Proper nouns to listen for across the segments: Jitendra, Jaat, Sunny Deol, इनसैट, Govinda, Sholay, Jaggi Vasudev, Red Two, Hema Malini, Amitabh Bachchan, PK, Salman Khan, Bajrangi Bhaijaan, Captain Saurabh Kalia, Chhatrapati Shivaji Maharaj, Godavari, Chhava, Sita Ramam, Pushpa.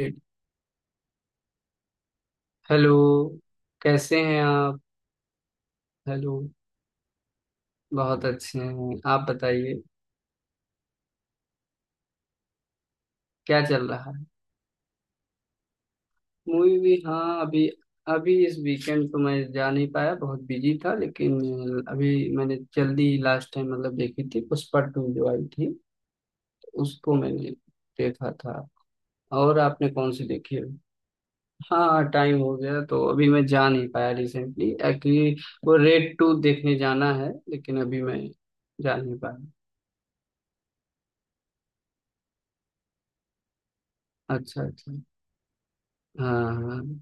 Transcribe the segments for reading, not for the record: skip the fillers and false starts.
एक- हेलो। कैसे हैं आप? हेलो। बहुत अच्छे हैं। आप बताइए, क्या चल रहा है? मूवी भी, हाँ, अभी। अभी इस वीकेंड तो मैं जा नहीं पाया, बहुत बिजी था लेकिन अभी मैंने जल्दी लास्ट टाइम मतलब देखी थी, पुष्पा टू जो आई थी तो उसको मैंने देखा था। और आपने कौन सी देखी है? हाँ, टाइम हो गया तो अभी मैं जा नहीं पाया रिसेंटली, एक्चुअली वो रेड टू देखने जाना है लेकिन अभी मैं जा नहीं पाया। अच्छा अच्छा। हाँ।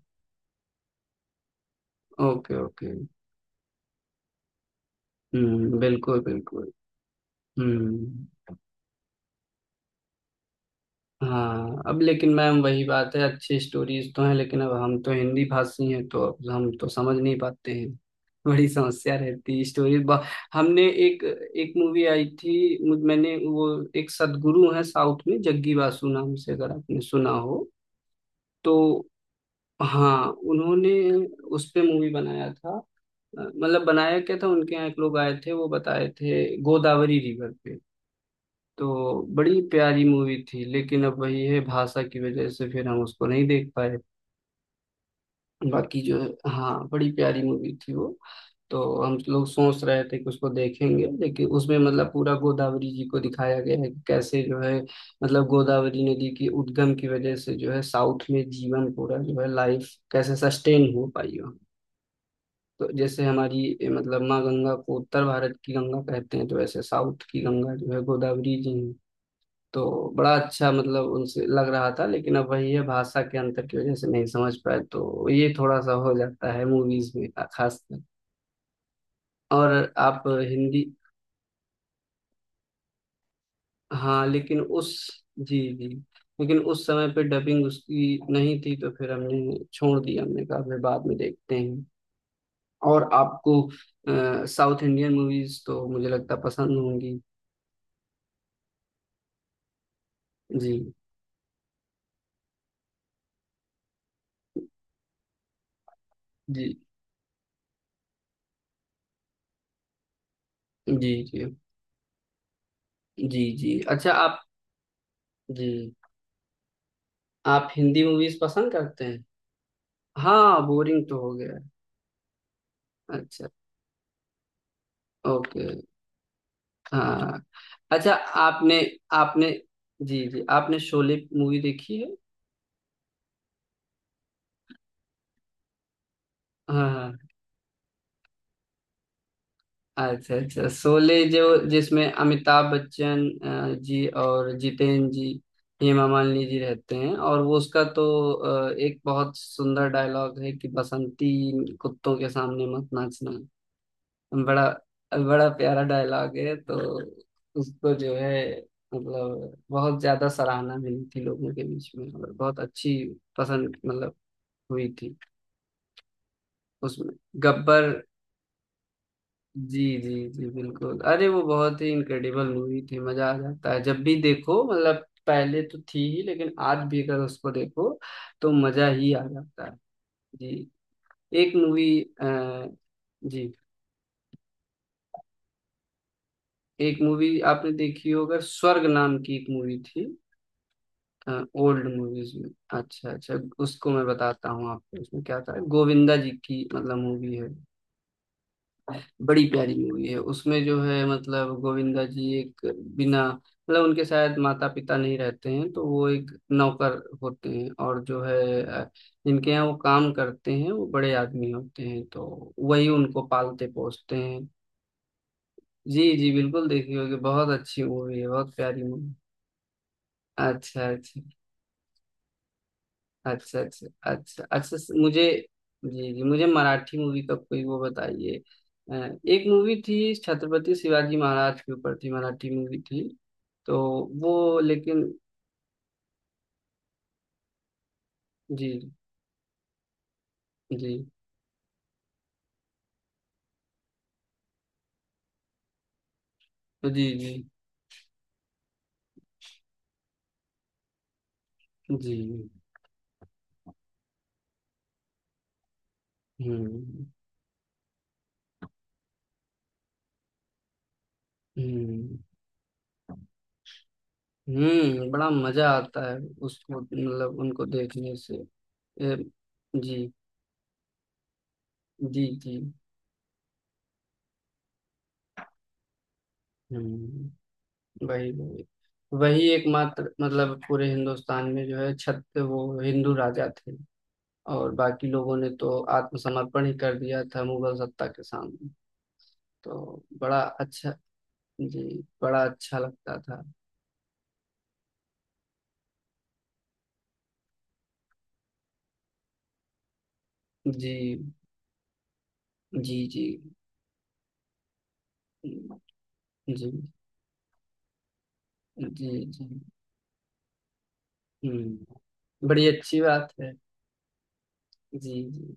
Okay okay. हम्म, बिल्कुल बिल्कुल। हम्म। हाँ। अब लेकिन मैम, वही बात है, अच्छी स्टोरीज तो हैं लेकिन अब हम तो हिंदी भाषी हैं तो अब हम तो समझ नहीं पाते हैं, बड़ी समस्या रहती है स्टोरी। हमने एक एक मूवी आई थी। मैंने वो, एक सदगुरु है साउथ में जग्गी वासु नाम से, अगर आपने सुना हो तो। हाँ, उन्होंने उस पे मूवी बनाया था। मतलब बनाया क्या था, उनके यहाँ एक लोग आए थे, वो बताए थे गोदावरी रिवर पे। तो बड़ी प्यारी मूवी थी लेकिन अब वही है, भाषा की वजह से फिर हम उसको नहीं देख पाए। बाकी जो है, हाँ बड़ी प्यारी मूवी थी वो। तो हम लोग सोच रहे थे कि उसको देखेंगे लेकिन उसमें मतलब पूरा गोदावरी जी को दिखाया गया है कि कैसे जो है, मतलब गोदावरी नदी की उद्गम की वजह से जो है साउथ में जीवन पूरा जो है लाइफ कैसे सस्टेन हो पाई वहाँ। तो जैसे हमारी मतलब माँ गंगा को उत्तर भारत की गंगा कहते हैं, तो वैसे साउथ की गंगा जो है गोदावरी जी हैं। तो बड़ा अच्छा मतलब उनसे लग रहा था लेकिन अब वही है, भाषा के अंतर की वजह से नहीं समझ पाए, तो ये थोड़ा सा हो जाता है मूवीज में, खासकर। और आप हिंदी। हाँ लेकिन उस। जी जी। लेकिन उस समय पे डबिंग उसकी नहीं थी तो फिर हमने छोड़ दिया, हमने कहा फिर बाद में देखते हैं। और आपको साउथ इंडियन मूवीज तो मुझे लगता पसंद होंगी। जी। जी जी। जी जी। जी। अच्छा आप। जी। आप हिंदी मूवीज पसंद करते हैं? हाँ, बोरिंग तो हो गया। अच्छा। ओके। हाँ। अच्छा। आपने। आपने। जी जी, आपने शोले मूवी देखी है? हाँ। हाँ, अच्छा अच्छा, शोले जो जिसमें अमिताभ बच्चन जी, और जितेंद्र जी, हेमा मालिनी जी रहते हैं, और वो उसका तो एक बहुत सुंदर डायलॉग है कि बसंती कुत्तों के सामने मत नाचना। बड़ा बड़ा प्यारा डायलॉग है, तो उसको जो है, मतलब बहुत ज्यादा सराहना मिली थी लोगों के बीच में, और बहुत अच्छी पसंद मतलब हुई थी। उसमें गब्बर। जी जी जी बिल्कुल, अरे वो बहुत ही इनक्रेडिबल मूवी थी, मजा आ जाता है जब भी देखो, मतलब पहले तो थी ही लेकिन आज भी अगर उसको देखो तो मजा ही आ जाता है। जी। एक मूवी। जी, एक मूवी आपने देखी होगा, स्वर्ग नाम की एक मूवी थी, ओल्ड मूवीज में। अच्छा अच्छा। उसको मैं बताता हूँ आपको, उसमें क्या था, गोविंदा जी की मतलब मूवी है। बड़ी प्यारी मूवी है, उसमें जो है मतलब गोविंदा जी एक, बिना मतलब उनके शायद माता पिता नहीं रहते हैं तो वो एक नौकर होते हैं, और जो है अ, जिनके यहाँ वो काम करते हैं वो बड़े आदमी होते हैं, तो वही उनको पालते पोसते हैं। जी जी बिल्कुल, देखी होगी, बहुत अच्छी मूवी है, बहुत प्यारी मूवी। अच्छा अच्छा। अच्छा अच्छा। अच्छा अच्छा। मुझे, जी जी, मुझे मराठी मूवी का कोई वो बताइए। अ, एक मूवी थी छत्रपति शिवाजी महाराज के ऊपर थी, मराठी मूवी थी तो वो लेकिन। जी। जी जी। जी जी। हम्म। हम्म। हम्म, बड़ा मजा आता है उसको, मतलब उनको देखने से। ए, जी जी जी। हम्म। वही वही, वही एकमात्र मतलब पूरे हिंदुस्तान में जो है, छत, वो हिंदू राजा थे, और बाकी लोगों ने तो आत्मसमर्पण ही कर दिया था मुगल सत्ता के सामने, तो बड़ा अच्छा। जी। बड़ा अच्छा लगता था। जी जी। जी जी। जी जी। हम्म, बड़ी अच्छी बात है। जी जी।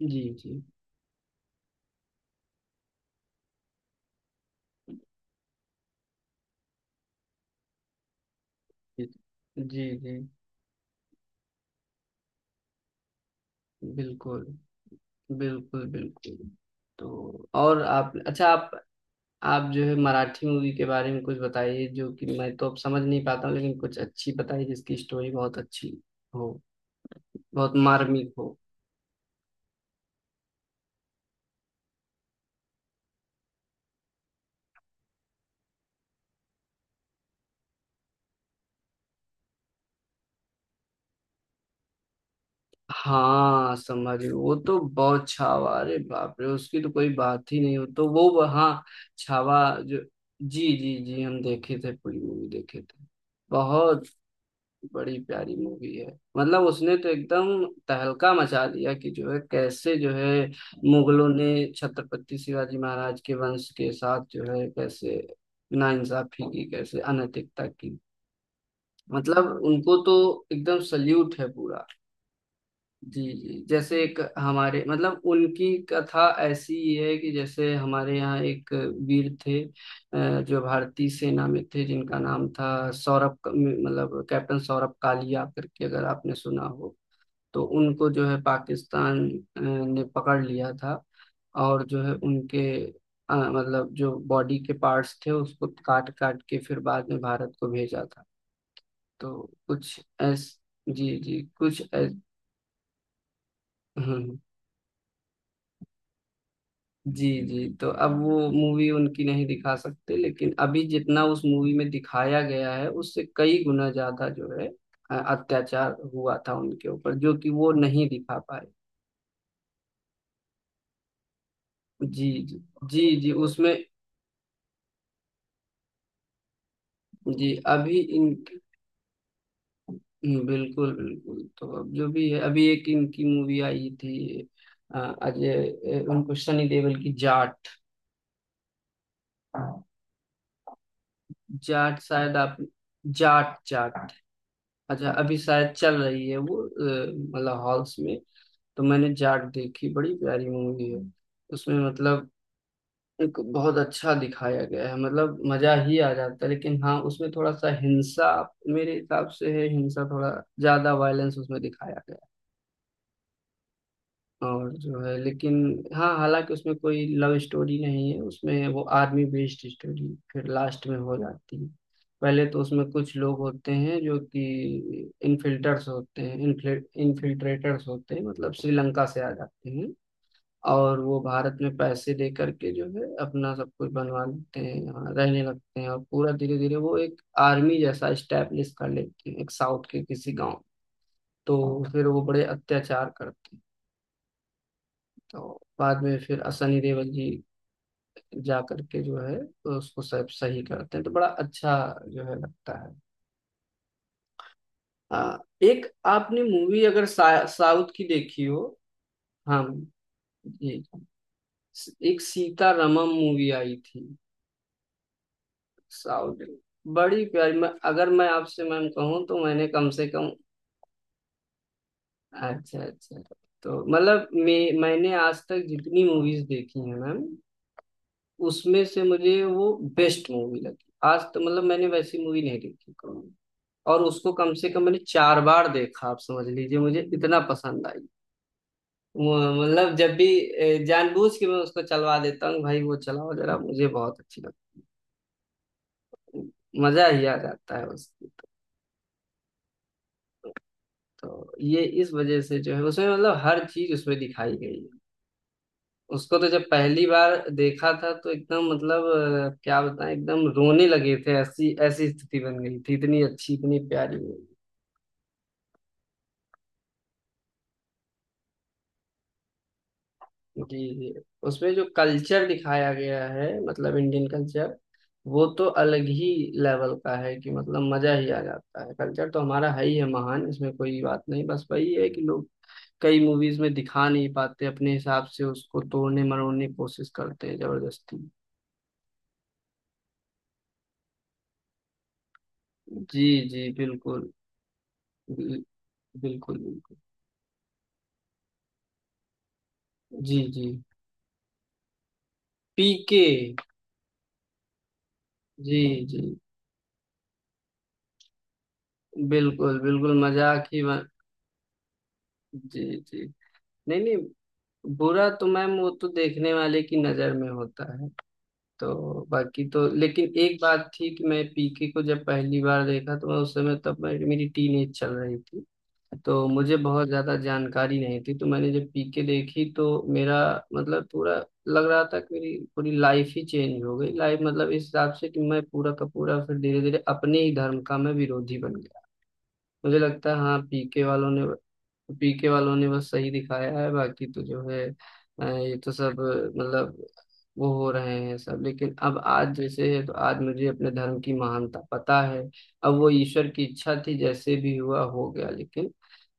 जी जी। जी जी। जी बिल्कुल बिल्कुल बिल्कुल। तो और आप, अच्छा आप जो है मराठी मूवी के बारे में कुछ बताइए जो कि मैं तो अब समझ नहीं पाता हूँ, लेकिन कुछ अच्छी बताइए जिसकी स्टोरी बहुत अच्छी हो, बहुत मार्मिक हो। हाँ, समझ गए। वो तो बहुत, छावा, अरे बाप रे, उसकी तो कोई बात ही नहीं, हो तो वो हाँ। छावा जो, जी जी जी, हम देखे थे, पूरी मूवी देखे थे। बहुत, बड़ी प्यारी मूवी है, मतलब उसने तो एकदम तहलका मचा दिया कि जो है कैसे जो है, मुगलों ने छत्रपति शिवाजी महाराज के वंश के साथ जो है कैसे नाइंसाफी की, कैसे अनैतिकता की, मतलब उनको तो एकदम सल्यूट है पूरा। जी जी, जैसे एक हमारे मतलब उनकी कथा ऐसी है कि जैसे हमारे यहाँ एक वीर थे जो भारतीय सेना में थे, जिनका नाम था सौरभ, मतलब कैप्टन सौरभ कालिया करके, अगर आपने सुना हो तो। उनको जो है पाकिस्तान ने पकड़ लिया था, और जो है उनके मतलब जो बॉडी के पार्ट्स थे उसको काट काट के फिर बाद में भारत को भेजा था। तो कुछ ऐस जी जी, हम्म, जी जी। तो अब वो मूवी उनकी नहीं दिखा सकते लेकिन अभी जितना उस मूवी में दिखाया गया है उससे कई गुना ज्यादा जो है अत्याचार हुआ था उनके ऊपर, जो कि वो नहीं दिखा पाए। जी जी। जी जी उसमें। जी, अभी इन। बिल्कुल बिल्कुल। तो अब जो भी है अभी एक इनकी मूवी आई थी, अ, अजय, उनको, सनी देओल की जाट। जाट शायद आप, जाट जाट, अच्छा अभी शायद चल रही है वो मतलब हॉल्स में। तो मैंने जाट देखी, बड़ी प्यारी मूवी है, उसमें मतलब एक बहुत अच्छा दिखाया गया है, मतलब मजा ही आ जाता है, लेकिन हाँ उसमें थोड़ा सा हिंसा मेरे हिसाब से है, हिंसा थोड़ा ज्यादा वायलेंस उसमें दिखाया गया है। और जो है लेकिन, हाँ हालांकि उसमें कोई लव स्टोरी नहीं है, उसमें वो आर्मी बेस्ड स्टोरी फिर लास्ट में हो जाती है। पहले तो उसमें कुछ लोग होते हैं जो कि इनफिल्टर्स होते हैं, इनफिल्ट्रेटर्स होते हैं, मतलब श्रीलंका से आ जाते हैं, और वो भारत में पैसे दे करके जो है अपना सब कुछ बनवा लेते हैं, यहाँ रहने लगते हैं, और पूरा धीरे धीरे वो एक आर्मी जैसा स्टैब्लिश कर लेते हैं एक साउथ के किसी गांव। तो फिर वो बड़े अत्याचार करते हैं, तो बाद में फिर सनी देओल जी जा करके जो है उसको सब सही करते हैं, तो बड़ा अच्छा जो है लगता है। हाँ, एक आपने मूवी अगर साउथ की देखी हो। हाँ। जी। एक सीता रमम मूवी आई थी, साउथ, बड़ी प्यारी। मैं अगर मैं आपसे मैम कहूँ तो मैंने कम से कम। अच्छा अच्छा। तो मतलब मैंने आज तक जितनी मूवीज देखी हैं मैम, उसमें से मुझे वो बेस्ट मूवी लगी आज तो, मतलब मैंने वैसी मूवी नहीं देखी कोई। और उसको कम से कम मैंने 4 बार देखा, आप समझ लीजिए मुझे इतना पसंद आई। मतलब जब भी, जानबूझ के मैं उसको चलवा देता हूँ, भाई वो चलाओ जरा, मुझे बहुत अच्छी लगती है, मजा ही आ जाता है उसकी। तो ये इस वजह से जो है उसमें मतलब हर चीज उसमें दिखाई गई है, उसको तो जब पहली बार देखा था तो एकदम मतलब क्या बताएं, एकदम रोने लगे थे, ऐसी ऐसी स्थिति बन गई थी, इतनी अच्छी, इतनी प्यारी मूवी। जी जी। उसमें जो कल्चर दिखाया गया है, मतलब इंडियन कल्चर, वो तो अलग ही लेवल का है, कि मतलब मजा ही आ जाता है, कल्चर तो हमारा है ही है महान, इसमें कोई बात नहीं, बस वही है कि लोग कई मूवीज में दिखा नहीं पाते अपने हिसाब से, उसको तोड़ने मरोड़ने की कोशिश करते हैं जबरदस्ती। जी जी बिल्कुल। बिल- बिल्कुल बिल्कुल। जी जी पीके। जी जी बिल्कुल बिल्कुल, मजाक ही बन। जी जी। नहीं नहीं, बुरा तो मैम वो तो देखने वाले की नजर में होता है। तो बाकी तो लेकिन एक बात थी कि मैं पीके को जब पहली बार देखा, तो मैं उस समय, तब मेरी मेरी टीनेज चल रही थी, तो मुझे बहुत ज्यादा जानकारी नहीं थी, तो मैंने जब पीके देखी तो मेरा मतलब पूरा, लग रहा था कि मेरी पूरी लाइफ ही चेंज हो गई, लाइफ मतलब इस हिसाब से कि मैं पूरा का पूरा फिर धीरे धीरे अपने ही धर्म का मैं विरोधी बन गया। मुझे लगता है, हाँ पीके वालों ने बस सही दिखाया है, बाकी तो जो है ये तो सब, मतलब वो हो रहे हैं सब, लेकिन अब आज जैसे है तो आज मुझे अपने धर्म की महानता पता है। अब वो ईश्वर की इच्छा थी, जैसे भी हुआ हो गया, लेकिन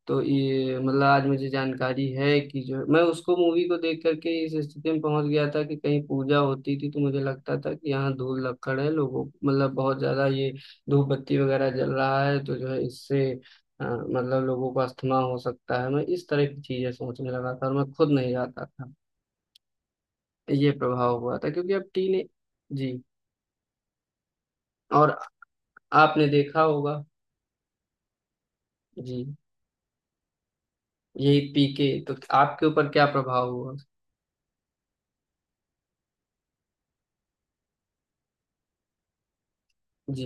तो ये मतलब आज मुझे जानकारी है कि जो मैं उसको, मूवी को देख करके इस स्थिति में पहुंच गया था, कि कहीं पूजा होती थी तो मुझे लगता था कि यहाँ धूल लक्कड़ है लोगों, मतलब बहुत ज्यादा ये धूप बत्ती वगैरह जल रहा है, तो जो है इससे मतलब लोगों को अस्थमा हो सकता है, मैं इस तरह की चीजें सोचने लगा था, और मैं खुद नहीं जाता था। ये प्रभाव हुआ था, क्योंकि अब टीने। जी। और आपने देखा होगा। जी। यही पीके तो आपके ऊपर क्या प्रभाव हुआ? जी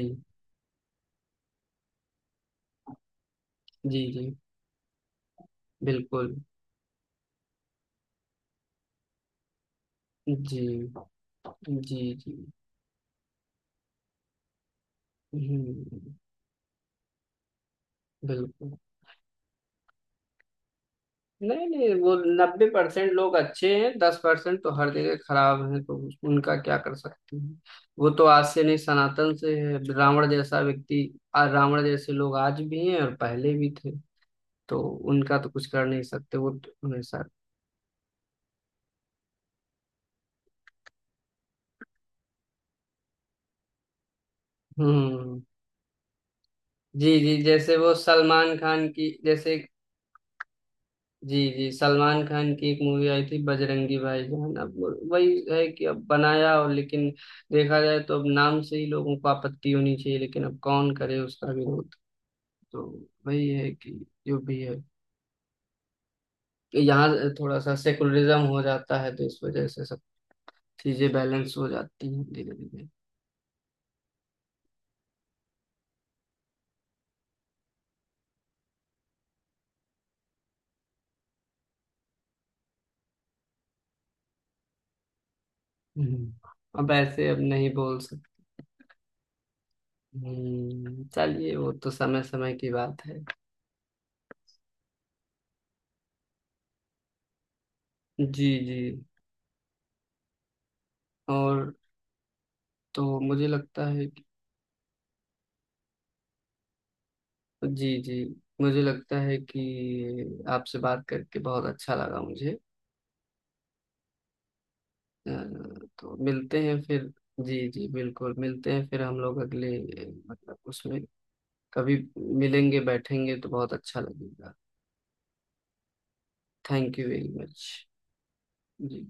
जी जी बिल्कुल। जी जी जी। हम्म, बिल्कुल। नहीं नहीं, वो 90% लोग अच्छे हैं, 10% तो हर जगह खराब हैं, तो उनका क्या कर सकते हैं। वो तो आज से नहीं, सनातन से है, रावण जैसा व्यक्ति, रावण जैसे लोग आज भी हैं और पहले भी थे। तो उनका तो कुछ कर नहीं सकते, वो तो हमेशा। हम्म। जी जी, जैसे वो सलमान खान की जैसे। जी जी, सलमान खान की एक मूवी आई थी बजरंगी भाईजान। अब वही है कि अब बनाया, और लेकिन देखा जाए तो अब नाम से ही लोगों को आपत्ति होनी चाहिए, लेकिन अब कौन करे उसका विरोध। तो वही है कि जो भी है यहाँ थोड़ा सा सेकुलरिज्म हो जाता है, तो इस वजह से सब चीजें बैलेंस हो जाती हैं धीरे धीरे। हम्म। अब ऐसे अब नहीं बोल सकते। चलिए वो तो समय समय की बात है। जी जी। और तो मुझे लगता है। जी जी। मुझे लगता है कि आपसे बात करके बहुत अच्छा लगा मुझे, अ, तो मिलते हैं फिर। जी जी बिल्कुल, मिलते हैं फिर हम लोग, अगले मतलब उसमें, कभी मिलेंगे बैठेंगे तो बहुत अच्छा लगेगा। Thank you very much. Ji.